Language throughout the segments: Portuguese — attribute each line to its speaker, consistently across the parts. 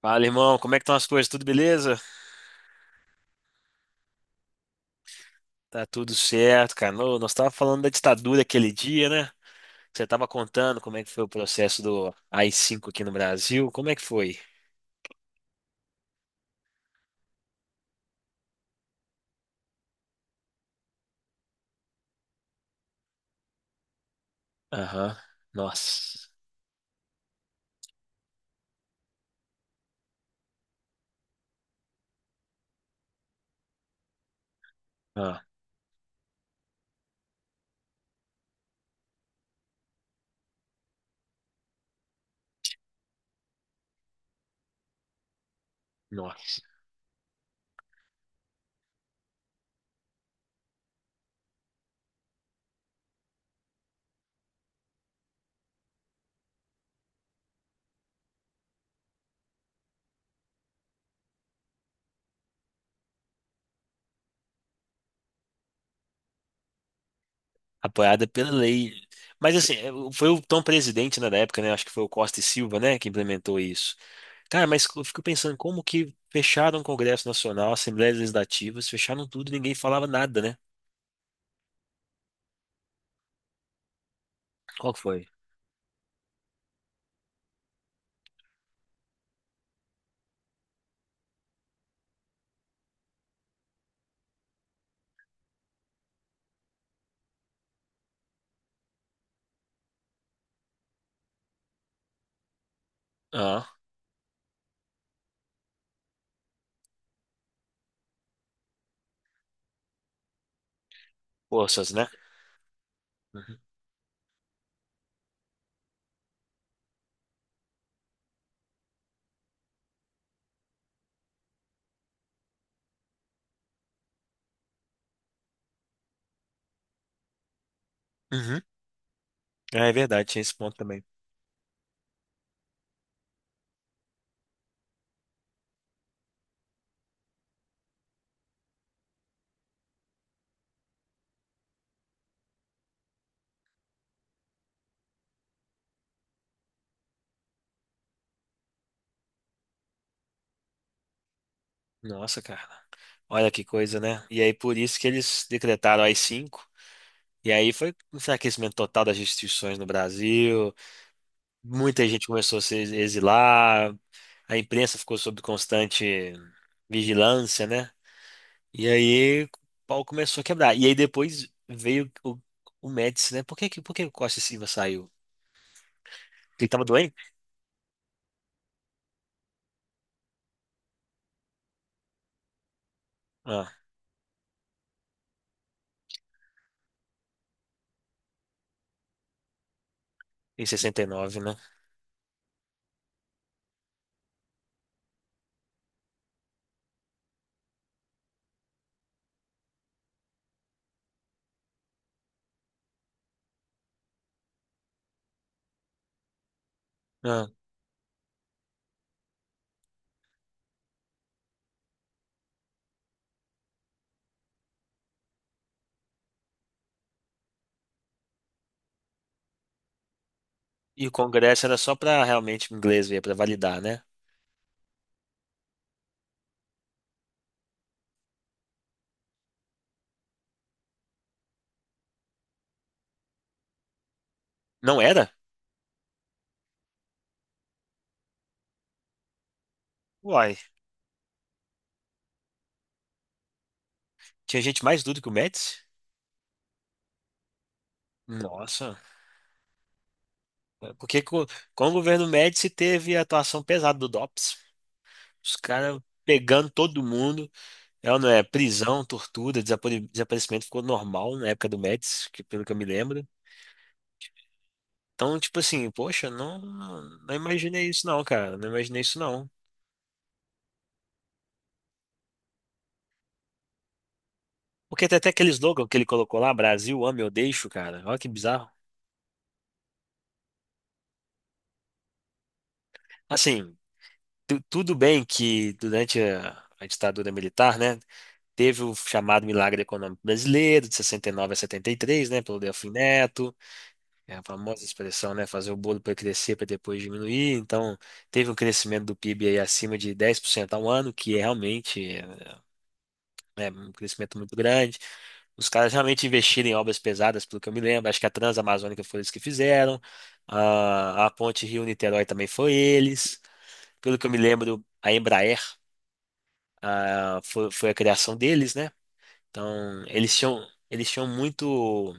Speaker 1: Fala, irmão, como é que estão as coisas? Tudo beleza? Tá tudo certo, cara. Ô, nós tava falando da ditadura aquele dia, né? Você tava contando como é que foi o processo do ai cinco aqui no Brasil. Como é que foi? Aham. Nossa. Ah, nossa. Apoiada pela lei. Mas assim, foi o então presidente, né, da época, né? Acho que foi o Costa e Silva, né, que implementou isso. Cara, mas eu fico pensando como que fecharam o Congresso Nacional, Assembleias Legislativas, fecharam tudo, e ninguém falava nada, né? Qual que foi? Ah, forças, né? Uhum. Ah, é verdade, tinha esse ponto também. Nossa, cara. Olha que coisa, né? E aí, por isso que eles decretaram as cinco. E aí foi um enfraquecimento total das instituições no Brasil. Muita gente começou a se exilar. A imprensa ficou sob constante vigilância, né? E aí o pau começou a quebrar. E aí depois veio o Médici, né? Por que o Costa e Silva saiu? Ele tava doente? Ah, em sessenta e nove, né? Ah. E o Congresso era só pra realmente o inglês ver, pra validar, né? Não era? Uai, tinha gente mais dura que o Médici? Nossa, é porque co- com, o governo Médici teve a atuação pesada do DOPS. Os caras pegando todo mundo. É, ou não é? Prisão, tortura, desaparecimento ficou normal na época do Médici, que, pelo que eu me lembro. Então, tipo assim, poxa, não, não imaginei isso não, cara. Não imaginei isso não. Porque tem até aquele slogan que ele colocou lá, Brasil, ame ou deixo, cara. Olha que bizarro. Assim, tudo bem que durante a ditadura militar, né? Teve o chamado Milagre Econômico Brasileiro, de 69 a 73, né, pelo Delfim Neto, é a famosa expressão, né, fazer o bolo para crescer para depois diminuir. Então, teve um crescimento do PIB aí acima de 10% ao ano, que é realmente, né, um crescimento muito grande. Os caras realmente investiram em obras pesadas, pelo que eu me lembro. Acho que a Transamazônica foi eles que fizeram. A Ponte Rio-Niterói também foi eles. Pelo que eu me lembro, a Embraer, ah, foi, foi a criação deles, né? Então, eles tinham muito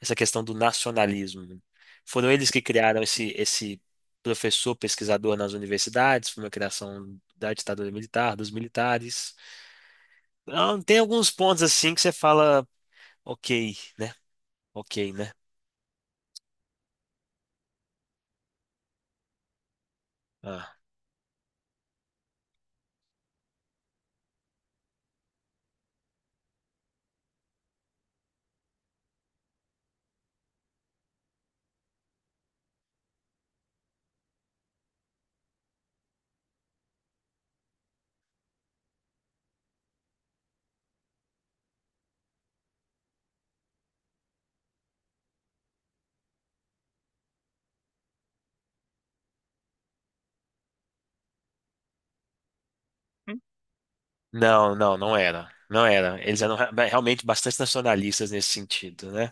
Speaker 1: essa questão do nacionalismo, né? Foram eles que criaram esse professor pesquisador nas universidades, foi uma criação da ditadura militar, dos militares. Então, tem alguns pontos assim que você fala, ok, né? Ok, né? Ah, hum. Não, não, não era. Não era. Eles eram realmente bastante nacionalistas nesse sentido, né?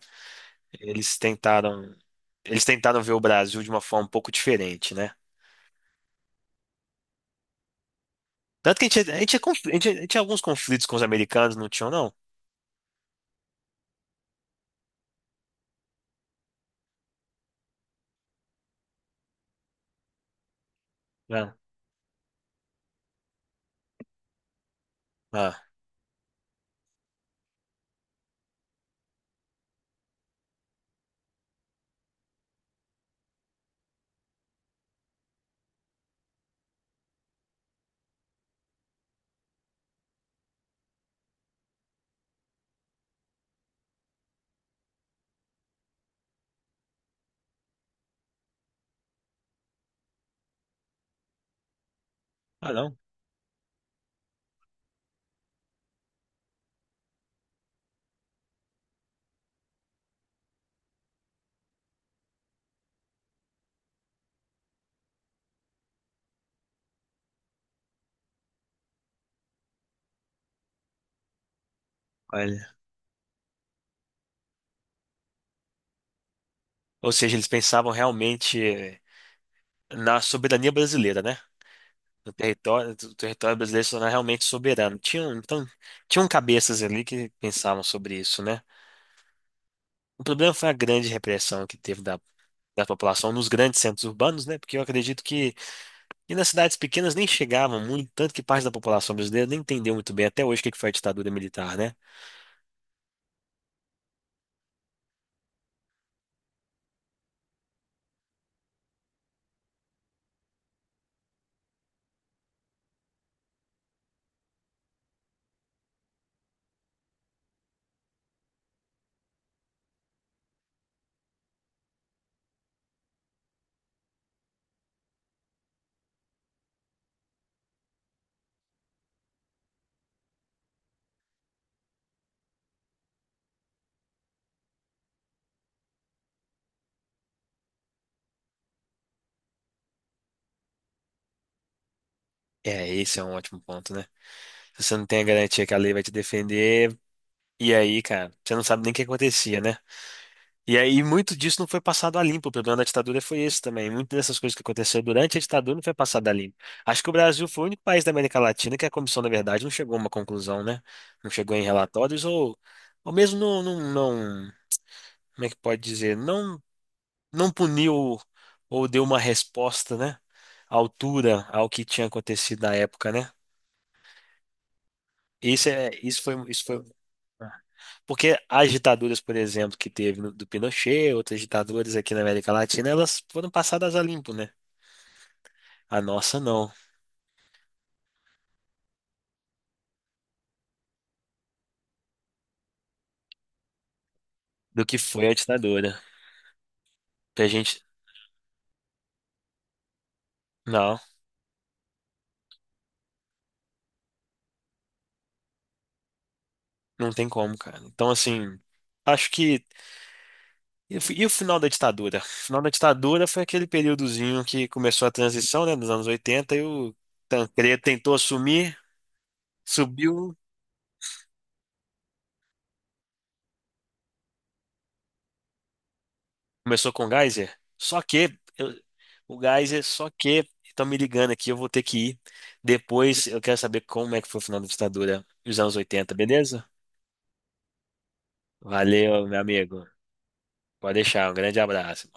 Speaker 1: Eles tentaram, eles tentaram ver o Brasil de uma forma um pouco diferente, né? Tanto que tinha a gente tinha alguns conflitos com os americanos, não tinham, não? Não. Ah, ah, não. Olha. Ou seja, eles pensavam realmente na soberania brasileira, né? No território, o território brasileiro se tornar realmente soberano. Tinham, então, tinham cabeças ali que pensavam sobre isso, né? O problema foi a grande repressão que teve da, da população nos grandes centros urbanos, né? Porque eu acredito que e nas cidades pequenas nem chegavam muito, tanto que parte da população brasileira nem entendeu muito bem até hoje o que que foi a ditadura militar, né? É, esse é um ótimo ponto, né? Se você não tem a garantia que a lei vai te defender. E aí, cara, você não sabe nem o que acontecia, né? E aí, muito disso não foi passado a limpo. O problema da ditadura foi esse também. Muitas dessas coisas que aconteceram durante a ditadura não foi passado a limpo. Acho que o Brasil foi o único país da América Latina que a comissão, na verdade, não chegou a uma conclusão, né? Não chegou em relatórios ou mesmo como é que pode dizer? Não, não puniu ou deu uma resposta, né? À altura ao que tinha acontecido na época, né? Isso foi. Ah. Porque as ditaduras, por exemplo, que teve do Pinochet, outras ditaduras aqui na América Latina, elas foram passadas a limpo, né? A nossa não. Do que foi a ditadura. Que a gente. Não, não tem como, cara. Então, assim, acho que. E o e o final da ditadura? O final da ditadura foi aquele períodozinho que começou a transição, né, dos anos 80, e o Tancredo tentou assumir, subiu. Começou com o Geyser? Só que, eu- o Geyser, só que, estão me ligando aqui, eu vou ter que ir. Depois eu quero saber como é que foi o final da ditadura nos anos 80, beleza? Valeu, meu amigo. Pode deixar, um grande abraço.